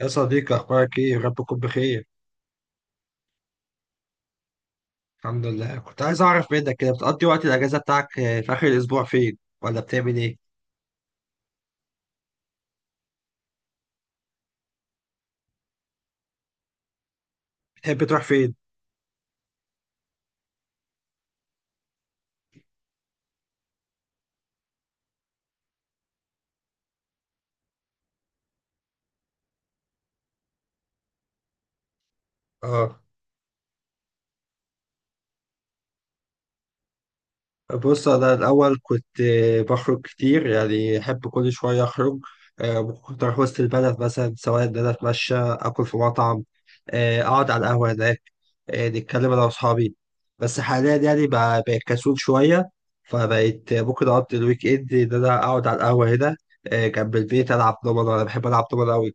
يا صديقي، أخبارك إيه؟ رب تكون بخير. الحمد لله. كنت عايز أعرف منك كده، بتقضي وقت الأجازة بتاعك في آخر الأسبوع فين؟ ولا بتعمل إيه؟ بتحب تروح فين؟ آه بص، أنا الأول كنت بخرج كتير، يعني أحب كل شوية أخرج. كنت أروح وسط البلد مثلا، سواء إن أنا أتمشى، آكل في مطعم، أقعد على القهوة هناك، نتكلم انا واصحابي. بس حاليا يعني بقيت كسول شويه، فبقيت ممكن اقضي الويك اند ان انا اقعد على القهوه هنا، جنب البيت، العب دومنه. انا بحب العب دومنه قوي،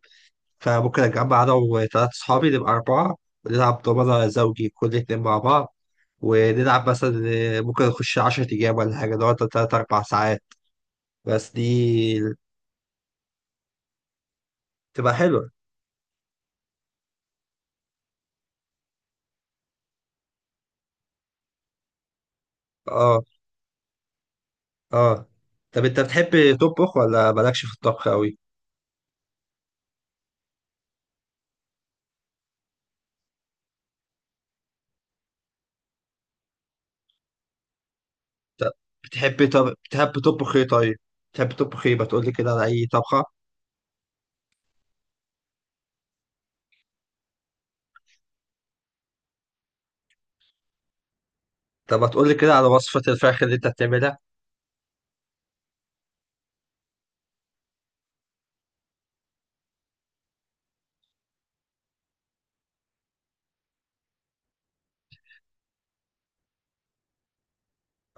فممكن اجمع انا وثلاث اصحابي نبقى اربعه، ونلعب دومنه زوجي كل اتنين مع بعض، ونلعب مثلا ممكن نخش 10 ايام ولا حاجه، نقعد تلات اربع ساعات. بس دي تبقى حلوه. اه. اه. طب انت بتحب تطبخ ولا مالكش في الطبخ قوي؟ طب طب بتحبي تطبخ ايه طيب؟ بتحبي تطبخ ايه؟ ما تقولي كده على اي طبخة؟ طب ما تقولي كده على وصفة الفراخ اللي انت بتعملها؟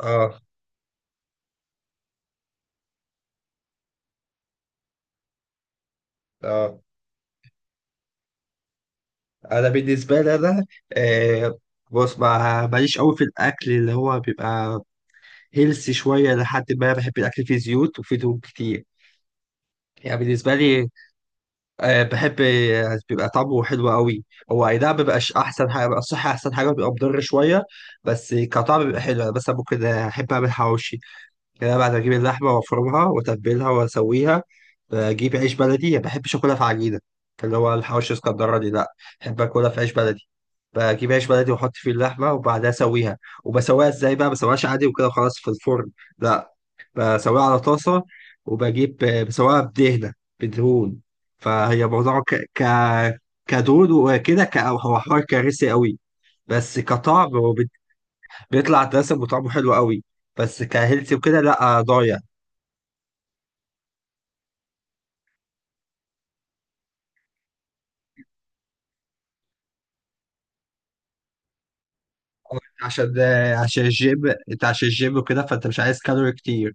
اه. اه. انا بالنسبة لي انا آه بص، ما ماليش قوي في الاكل اللي هو بيبقى هيلثي شوية، لحد ما بحب الاكل فيه زيوت وفيه دهون كتير. يعني بالنسبة لي بحب بيبقى طعمه حلو قوي. هو اي نعم مبيبقاش احسن حاجة، بيبقى الصحة احسن حاجة، بيبقى مضر شوية، بس كطعم بيبقى حلو. انا مثلا ممكن احب اعمل حواوشي كده، بعد اجيب اللحمه وافرمها واتبلها واسويها. بجيب عيش بلدي، ما بحبش اكلها في عجينه اللي هو الحواوشي اسكندراني دي، لا، بحب اكلها في عيش بلدي. بجيب عيش بلدي واحط فيه اللحمه وبعدها اسويها. وبسويها ازاي بقى؟ ما بسويهاش عادي وكده خلاص في الفرن، لا، بسويها على طاسه. وبجيب بسويها بدهنه، بدهون. فهي موضوع كدهون وكده. هو حوار كارثي قوي، بس كطعم هو بيطلع دسم وطعمه حلو قوي. بس كهيلثي وكده لا، ضايع. عشان الجيم، انت عشان الجيم وكده فانت مش عايز كالوري كتير.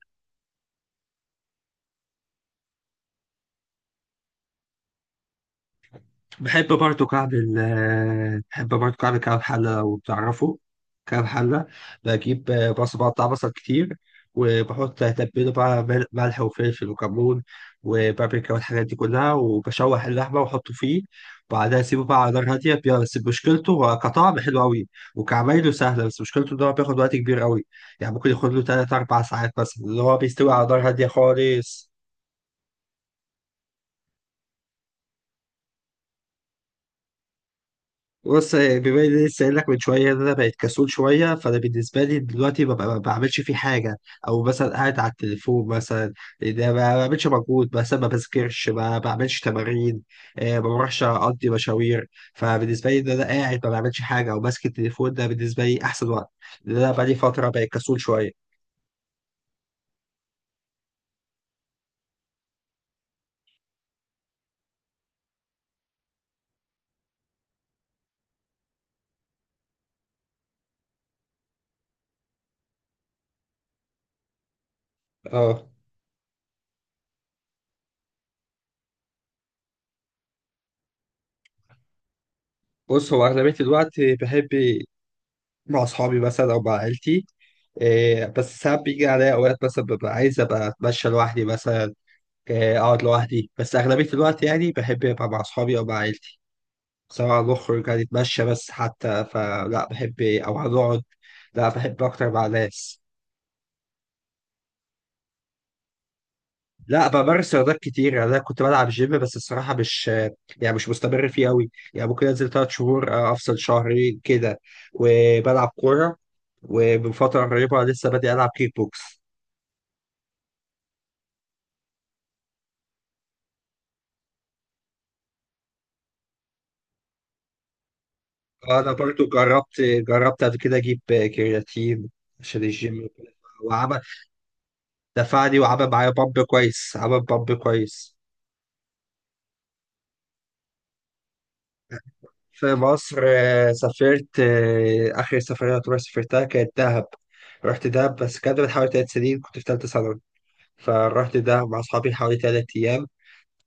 بحب برضو كعب حلة، لو بتعرفه. كعب حلة، بجيب بصل، بقطع بصل كتير، وبحط تتبيله بقى، ملح وفلفل وكمون وبابريكا والحاجات دي كلها، وبشوح اللحمة وأحطه فيه، وبعدها أسيبه بقى على نار هادية. بس مشكلته هو كطعم حلو أوي وكعمايله سهلة، بس مشكلته إن هو بياخد وقت كبير أوي. يعني ممكن ياخد له تلات أربع ساعات مثلا، اللي هو بيستوي على نار هادية خالص. بص، بما اني لسه قايل لك من شويه ان انا بقيت كسول شويه، فانا بالنسبه لي دلوقتي ما بعملش فيه حاجه، او مثلا قاعد على التليفون مثلا. ده ما بعملش مجهود، مثلا ما بذاكرش، ما بعملش تمارين، ما بروحش اقضي مشاوير. فبالنسبه لي ان انا قاعد ما بعملش حاجه او ماسك التليفون ده، بالنسبه لي احسن وقت، لان انا بقالي فتره بقيت كسول شويه. اه. بص، هو اغلبيه الوقت بحب مع اصحابي مثلا او مع عيلتي. بس ساعات بيجي عليا اوقات مثلا ببقى عايز ابقى اتمشى لوحدي مثلا، اقعد لوحدي، بس اغلبيه الوقت يعني بحب ابقى مع اصحابي او مع عيلتي، سواء نخرج هنتمشى بس حتى فلا بحب، او هنقعد، لا، بحب اكتر مع ناس. لا، بمارس رياضات كتير. يعني انا كنت بلعب جيم، بس الصراحه مش يعني مش مستمر فيه قوي. يعني ممكن انزل 3 شهور، افصل شهرين كده، وبلعب كوره، ومن فتره قريبه لسه بادئ العب كيك بوكس. انا برضو جربت قبل كده اجيب كرياتين عشان الجيم وكده. وعمل دفعني وعمل معايا بامب كويس، عمل بامب كويس. في مصر سافرت. آخر سفرية يعتبر سافرتها كانت دهب. رحت دهب بس كانت من حوالي 3 سنين، كنت في تالتة ثانوي، فرحت دهب مع أصحابي حوالي 3 أيام.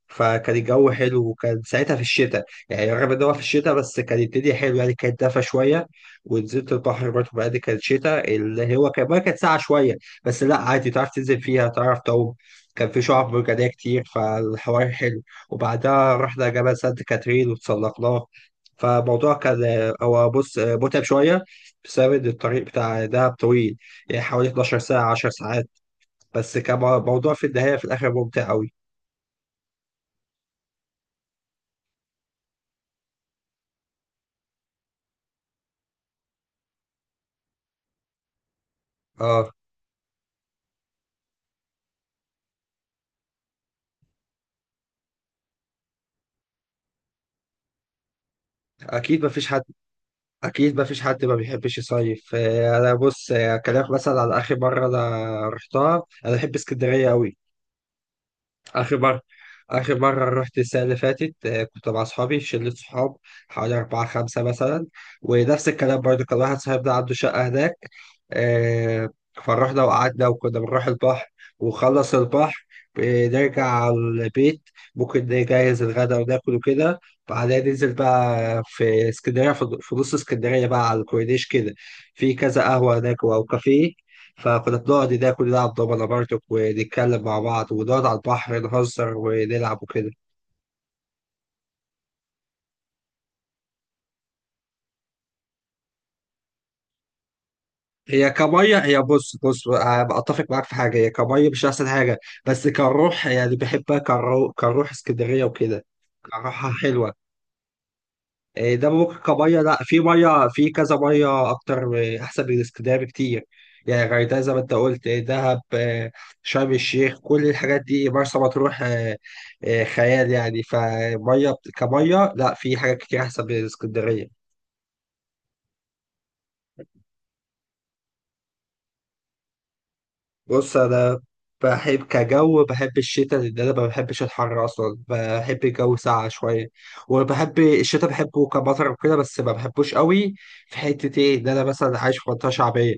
فكان الجو حلو وكان ساعتها في الشتاء، يعني رغم ان هو في الشتاء بس كان الدنيا حلوه، يعني كانت دافى شويه. ونزلت البحر برضه، بعد كانت شتاء اللي هو كان بقى، كانت ساعة شويه، بس لا عادي، تعرف تنزل فيها، تعرف تعوم. كان في شعاب مرجانيه كتير، فالحوار حلو. وبعدها رحنا جبل سانت كاترين وتسلقناه. فالموضوع كان هو بص متعب شويه بسبب إن الطريق بتاع دهب طويل، يعني حوالي 12 ساعه 10 ساعات، بس كان موضوع في النهايه في الاخر ممتع قوي. اه. اكيد مفيش حد اكيد ما فيش حد ما بيحبش يصيف. انا بص، اكلمك مثلا على اخر مره انا رحتها، انا بحب اسكندريه قوي. آخر مرة آخر مرة رحت السنة اللي فاتت، كنت مع أصحابي شلة صحاب حوالي 4 أو 5 مثلا. ونفس الكلام برضه، كان واحد صاحبنا عنده شقة هناك، آه، فرحنا وقعدنا وكنا بنروح البحر، وخلص البحر بنرجع على البيت، ممكن نجهز الغدا وناكل وكده. بعدها ننزل بقى في اسكندرية، في نص اسكندرية بقى، على الكورنيش كده، في كذا قهوة هناك أو كافيه، فكنا بنقعد ناكل، نلعب دومنا برضك، ونتكلم مع بعض ونقعد على البحر نهزر ونلعب وكده. هي كمية هي بص، أنا أتفق معاك في حاجة، هي كمية مش أحسن حاجة، بس كروح يعني بحبها كروح. كروح اسكندرية وكده، كروحها حلوة. ده ممكن كميه لا، في ميه، في كذا ميه اكتر احسن من اسكندريه بكتير. يعني غردقه زي ما انت قلت، دهب، شرم الشيخ، كل الحاجات دي، مرسى مطروح، إيه، إيه، خيال يعني. فميه كميه لا، في حاجات كتير احسن من اسكندريه. بص انا بحب كجو، بحب الشتاء لان انا ما بحبش الحر اصلا، بحب الجو ساقع شويه. وبحب الشتاء، بحبه كمطر وكده، بس ما بحبوش قوي، في حته ايه، ان انا مثلا عايش في منطقه شعبيه،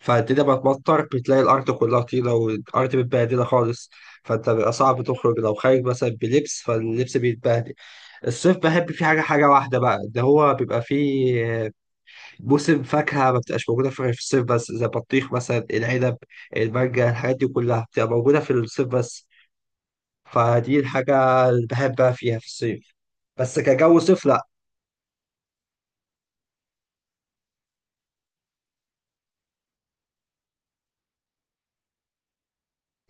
فالدنيا بقت مطر بتلاقي الأرض كلها طينة، والأرض متبهدلة خالص، فأنت بيبقى صعب تخرج، لو خارج مثلا بلبس فاللبس بيتبهدل. الصيف بحب فيه حاجة واحدة بقى، ده هو بيبقى فيه موسم فاكهة ما بتبقاش موجودة في غير في الصيف بس، زي البطيخ مثلا، العنب، المانجا، الحاجات دي كلها بتبقى موجودة في الصيف بس، فدي الحاجة اللي بحبها فيها في الصيف، بس كجو صيف لأ.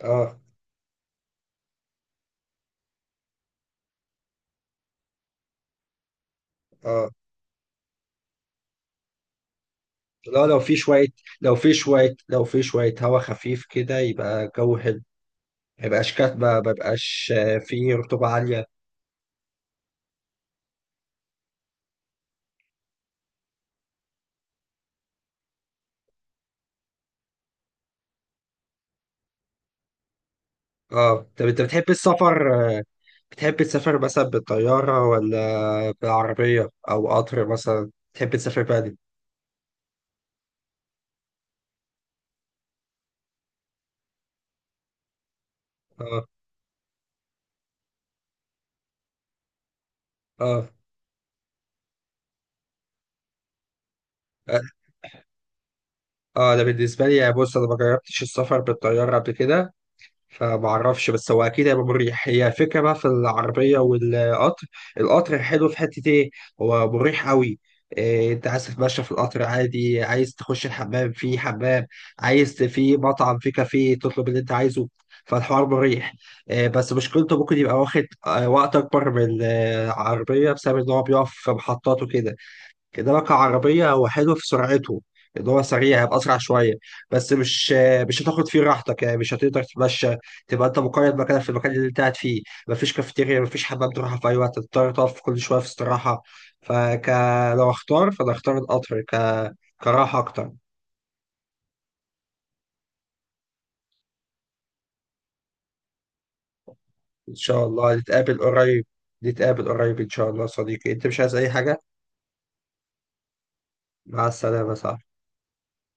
اه. اه. لا، لو في شوية هوا خفيف كده، يبقى جو حلو، ما يبقاش كاتبة، ما يبقاش آه، فيه رطوبة عالية. اه. طب انت بتحب السفر؟ بتحب تسافر مثلا بالطيارة ولا بالعربية او قطر مثلا؟ بتحب تسافر بقى؟ اه. اه. اه. انا بالنسبة لي يعني، بص، انا ما جربتش السفر بالطيارة قبل كده فمعرفش، بس هو اكيد هيبقى مريح. هي فكره بقى في العربيه والقطر. القطر حلو في حته ايه، هو مريح قوي، انت عايز تتمشى في القطر عادي، عايز تخش الحمام، في حمام، عايز في مطعم، في كافيه تطلب اللي انت عايزه، فالحوار مريح. بس مشكلته، ممكن يبقى واخد وقت اكبر من العربيه، بسبب ان هو بيقف في محطات وكده. كده لك عربية، هو حلو في سرعته، اللي هو سريع، هيبقى أسرع شوية، بس مش هتاخد فيه راحتك، يعني مش هتقدر تتمشى، تبقى أنت مقيد مكانك في المكان اللي أنت قاعد فيه، مفيش كافيتيريا، مفيش حمام تروحها في أي وقت، هتضطر تقف كل شوية في استراحة. فك لو أختار فأنا أختار القطر كراحة أكتر. إن شاء الله نتقابل قريب. نتقابل قريب إن شاء الله يا صديقي. أنت مش عايز أي حاجة؟ مع السلامة. صح.